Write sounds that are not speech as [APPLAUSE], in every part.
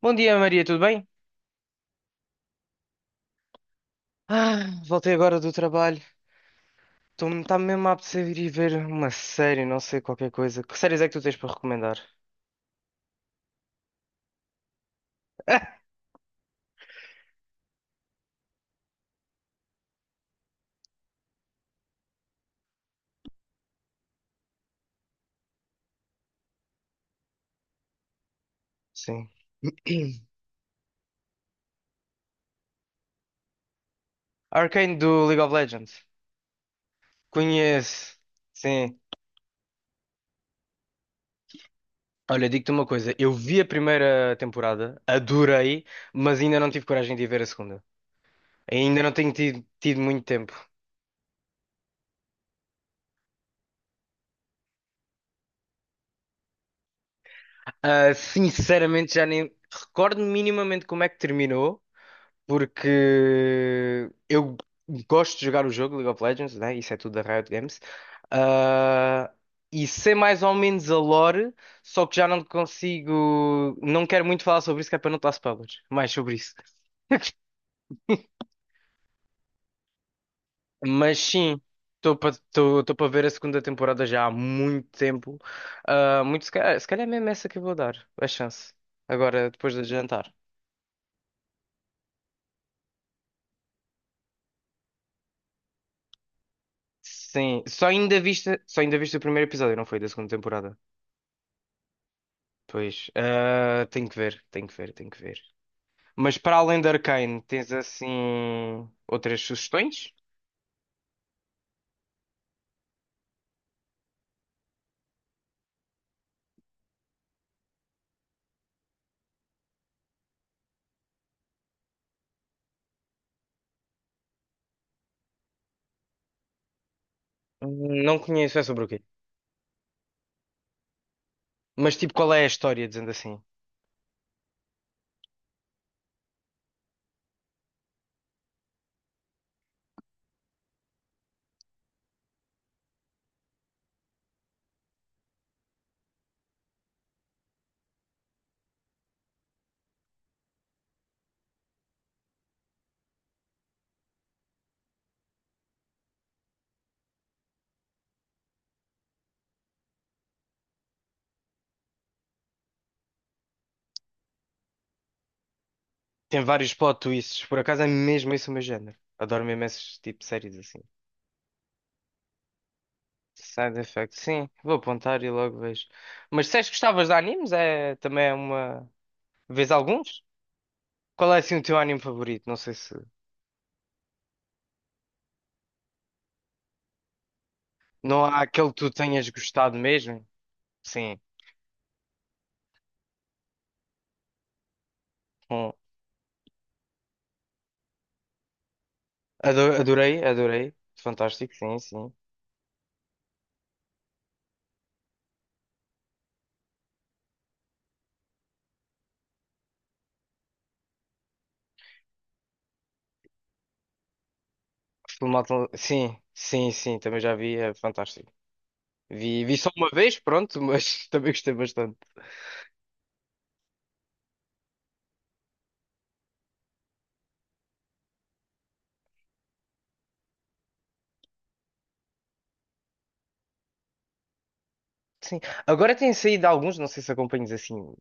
Bom dia, Maria, tudo bem? Voltei agora do trabalho. Está-me mesmo a apetecer ir ver uma série, não sei, qualquer coisa. Que séries é que tu tens para recomendar? [LAUGHS] Sim. [CLEARS THROAT] Arcane do League of Legends. Conheço. Sim. Olha, digo-te uma coisa. Eu vi a primeira temporada, adorei, mas ainda não tive coragem de ir ver a segunda. Ainda não tenho tido muito tempo. Sinceramente, já nem recordo minimamente como é que terminou. Porque eu gosto de jogar o jogo League of Legends, né? Isso é tudo da Riot Games. Ah, e sei mais ou menos a lore, só que já não consigo. Não quero muito falar sobre isso, que é para não dar spoilers. Mais sobre isso. Mas sim, estou para ver a segunda temporada já há muito tempo. Ah, muito, se calhar é mesmo essa que eu vou dar a chance. Agora, depois de jantar. Sim, só ainda viste o primeiro episódio, não foi? Da segunda temporada. Pois, ah, tenho que ver. Mas para além de Arcane, tens assim outras sugestões? Não conheço, é sobre o quê? Mas tipo, qual é a história, dizendo assim? Tem vários plot twists, por acaso é mesmo esse o meu género. Adoro mesmo esses tipo de séries assim. Side Effect, sim, vou apontar e logo vejo. Mas se és que gostavas de animes, também é uma. Vês alguns? Qual é assim o teu anime favorito? Não sei se. Não há aquele que tu tenhas gostado mesmo? Sim. Adorei, adorei. Fantástico, sim, sim. Sim, sim, sim, também já vi, é fantástico. Vi só uma vez, pronto, mas [LAUGHS] também gostei bastante. Agora têm saído alguns, não sei se acompanhas assim,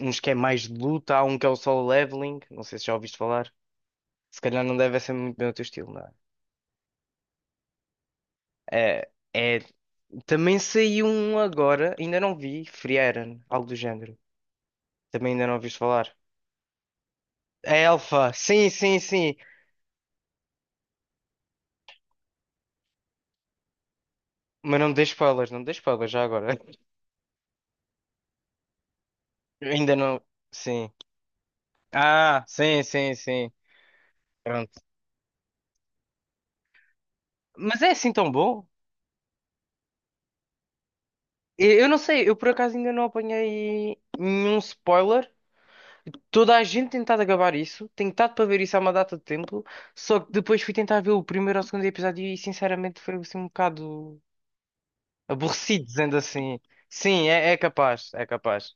uns que é mais de luta, há um que é o Solo Leveling, não sei se já ouviste falar. Se calhar não deve ser muito bem o teu estilo, não é? É, é- Também saiu um agora, ainda não vi, Free Eren, algo do género. Também ainda não ouviste falar. É Alpha, sim, sim, sim. Mas não me dê spoilers, não me dê spoilers já agora. Ainda não. Sim. Ah, sim, sim, sim. Pronto. Mas é assim tão bom? Eu não sei, eu por acaso ainda não apanhei nenhum spoiler. Toda a gente tem tentado acabar isso, tem tentado para ver isso há uma data de tempo, só que depois fui tentar ver o primeiro ou segundo episódio e sinceramente foi assim um bocado aborrecido, dizendo assim. Sim, é, é capaz.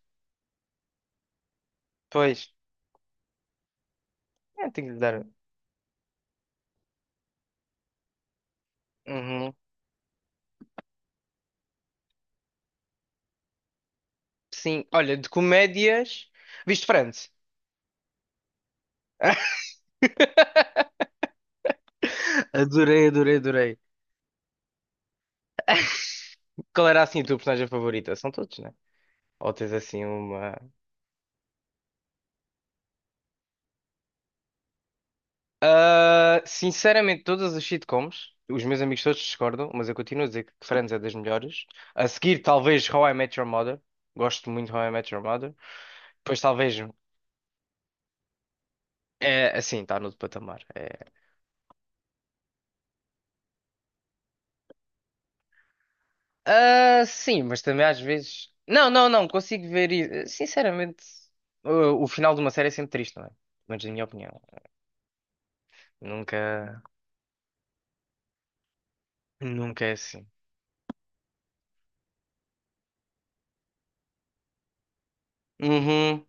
Pois, é, tenho que lhe dar. Uhum. Sim, olha, de comédias. Viste Friends? [LAUGHS] Adorei. Qual era assim a tua personagem favorita? São todos, né? Ou tens assim uma. Ah, sinceramente, todas as sitcoms, os meus amigos todos discordam, mas eu continuo a dizer que Friends é das melhores. A seguir, talvez How I Met Your Mother. Gosto muito de How I Met Your Mother. Depois, talvez. É assim, está no outro patamar. É... Ah, sim, mas também às vezes. Não, não, não, consigo ver. Sinceramente, o final de uma série é sempre triste, não é? Mas na minha opinião. Nunca, nunca é assim. Uhum.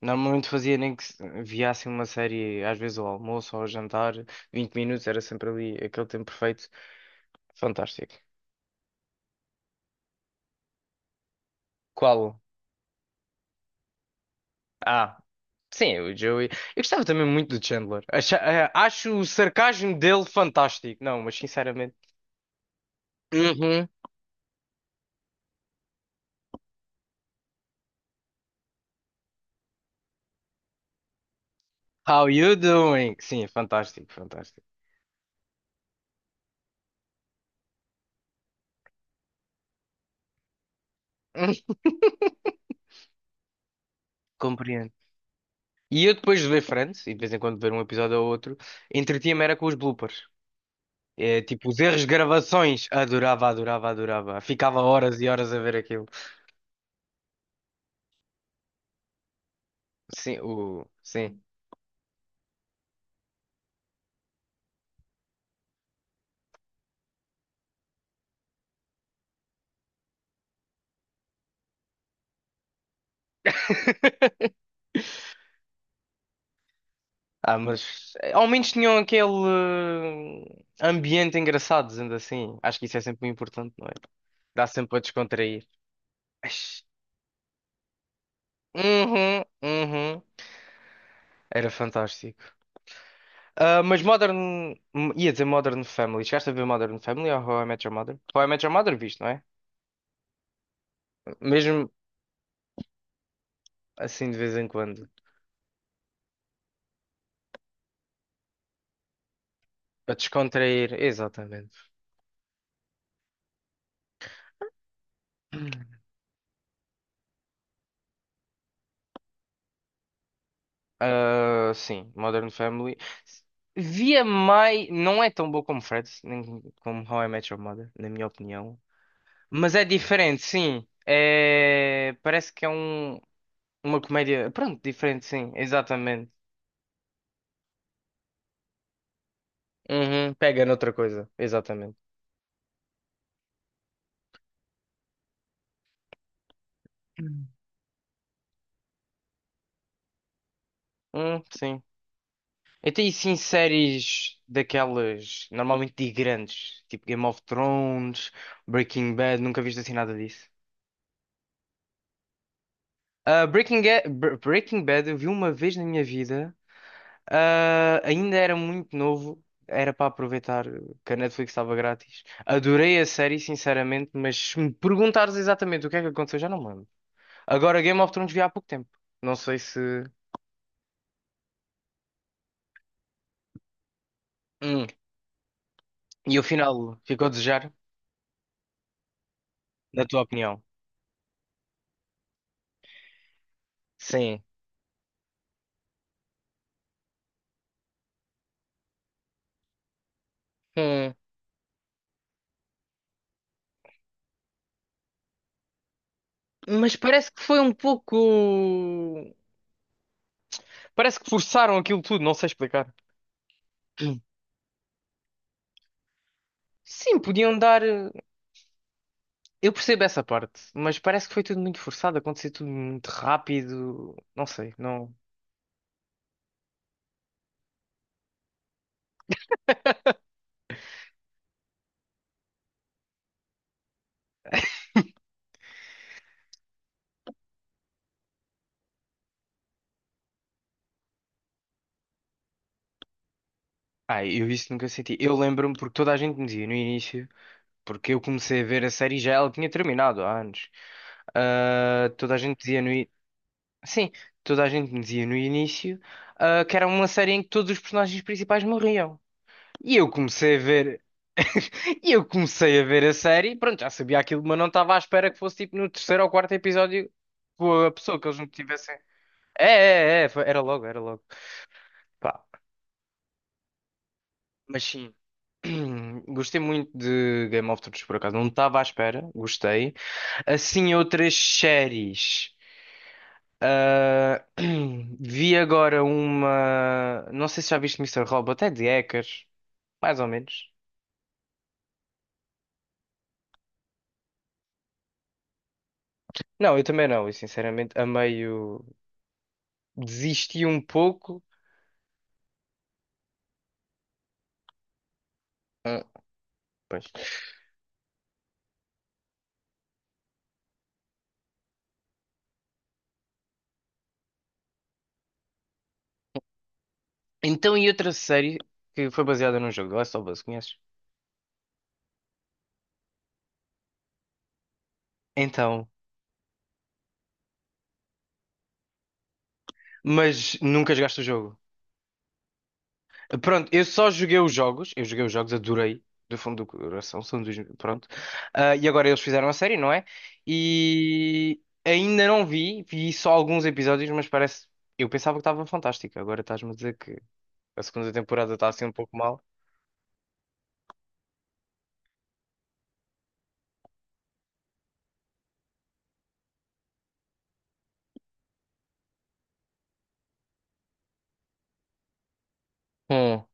Normalmente fazia nem que via assim uma série, às vezes ao almoço ou ao jantar, 20 minutos, era sempre ali aquele tempo perfeito. Fantástico. Qual? Ah, sim, o Joey. Eu gostava também muito do Chandler. Acho o sarcasmo dele fantástico. Não, mas sinceramente. Uhum. How you doing? Sim, é fantástico, fantástico. [LAUGHS] Compreendo. E eu depois de ver Friends, e de vez em quando ver um episódio ou outro, entretinha-me era com os bloopers. É, tipo, os erros de gravações. Adorava. Ficava horas e horas a ver aquilo. Sim, o... Sim. Ao menos tinham aquele ambiente engraçado, dizendo assim. Acho que isso é sempre muito importante, não é? Dá sempre para descontrair. Mas- Uhum, uhum. Era fantástico. Ah, mas Modern. Ia dizer Modern Family. Chegaste a ver Modern Family ou How I Met Your Mother? How I Met Your Mother, visto, não é? Mesmo assim de vez em quando. Para descontrair. Exatamente. Ah, sim, Modern Family. Via mais. Não é tão boa como Fred, nem como How I Met Your Mother, na minha opinião. Mas é diferente, sim. É... Parece que é um... uma comédia. Pronto, diferente, sim, exatamente. Uhum, pega noutra coisa, exatamente. Sim. Até e sim séries daquelas normalmente de grandes, tipo Game of Thrones, Breaking Bad, nunca viste assim nada disso. Breaking Bad eu vi uma vez na minha vida. Ah, ainda era muito novo, era para aproveitar que a Netflix estava grátis. Adorei a série, sinceramente, mas se me perguntares exatamente o que é que aconteceu, já não me lembro. Agora, Game of Thrones vi há pouco tempo. Não sei se. Hum. E o final ficou a desejar, na tua opinião? Sim. Hum. Mas parece que foi um pouco. Parece que forçaram aquilo tudo, não sei explicar. Hum. Sim, podiam dar. Eu percebo essa parte, mas parece que foi tudo muito forçado, aconteceu tudo muito rápido. Não sei, não. Ah, eu isso nunca senti. Eu lembro-me porque toda a gente me dizia no início, porque eu comecei a ver a série e já ela tinha terminado há anos. Ah, toda a gente dizia no i- Sim, toda a gente me dizia no início, ah, que era uma série em que todos os personagens principais morriam. E eu comecei a ver, e eu comecei a ver a série, pronto, já sabia aquilo, mas não estava à espera que fosse tipo no terceiro ou quarto episódio com a pessoa que eles não tivessem. É, é, é, era logo, era logo. Pá, mas sim, [CLEARS THROAT] gostei muito de Game of Thrones, por acaso. Não estava à espera, gostei. Assim, outras séries. Ah, [CLEARS THROAT] vi agora uma. Não sei se já viste Mister Robot, é de hackers, mais ou menos. Não, eu também não, eu sinceramente a meio desisti um pouco. Ah, pois. Então, e outra série que foi baseada num jogo, The Last of Us, conheces? Então, mas nunca jogaste o jogo. Pronto, eu só joguei os jogos, eu joguei os jogos, adorei, do fundo do coração, são dos, pronto. Ah, e agora eles fizeram a série, não é? E ainda não vi, vi só alguns episódios, mas parece, eu pensava que estava fantástico, agora estás-me a dizer que a segunda temporada está assim um pouco mal. Hum.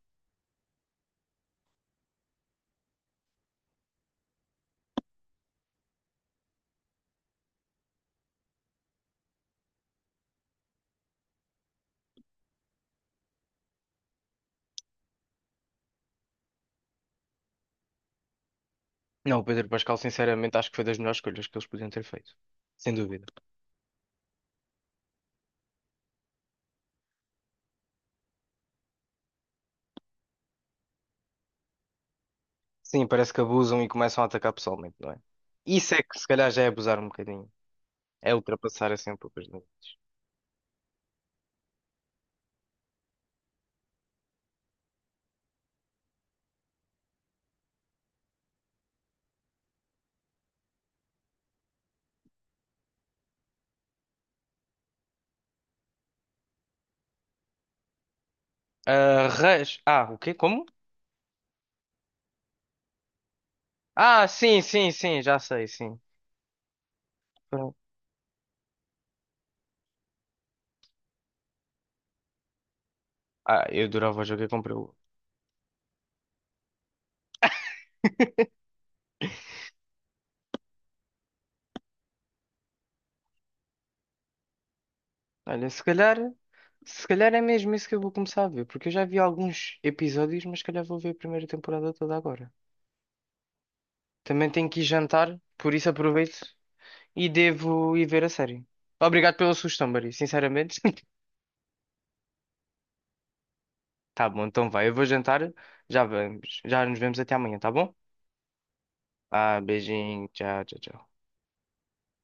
Não, o Pedro Pascal, sinceramente, acho que foi das melhores escolhas que eles podiam ter feito, sem dúvida. Sim, parece que abusam e começam a atacar pessoalmente, não é? Isso é que se calhar já é abusar um bocadinho, é ultrapassar assim um pouco as limites. Ah, res... Ah, o quê? Como? Ah, sim, sim, sim, já sei, sim. Pronto. Ah, eu adorava o jogo e comprei o. Olha, se calhar é mesmo isso que eu vou começar a ver, porque eu já vi alguns episódios, mas se calhar vou ver a primeira temporada toda agora. Também tenho que ir jantar, por isso aproveito e devo ir ver a série. Obrigado pela sugestão, Mari, sinceramente. [LAUGHS] Tá bom, então vai, eu vou jantar, já vamos, já nos vemos até amanhã, tá bom? Ah, beijinho, tchau, tchau, tchau.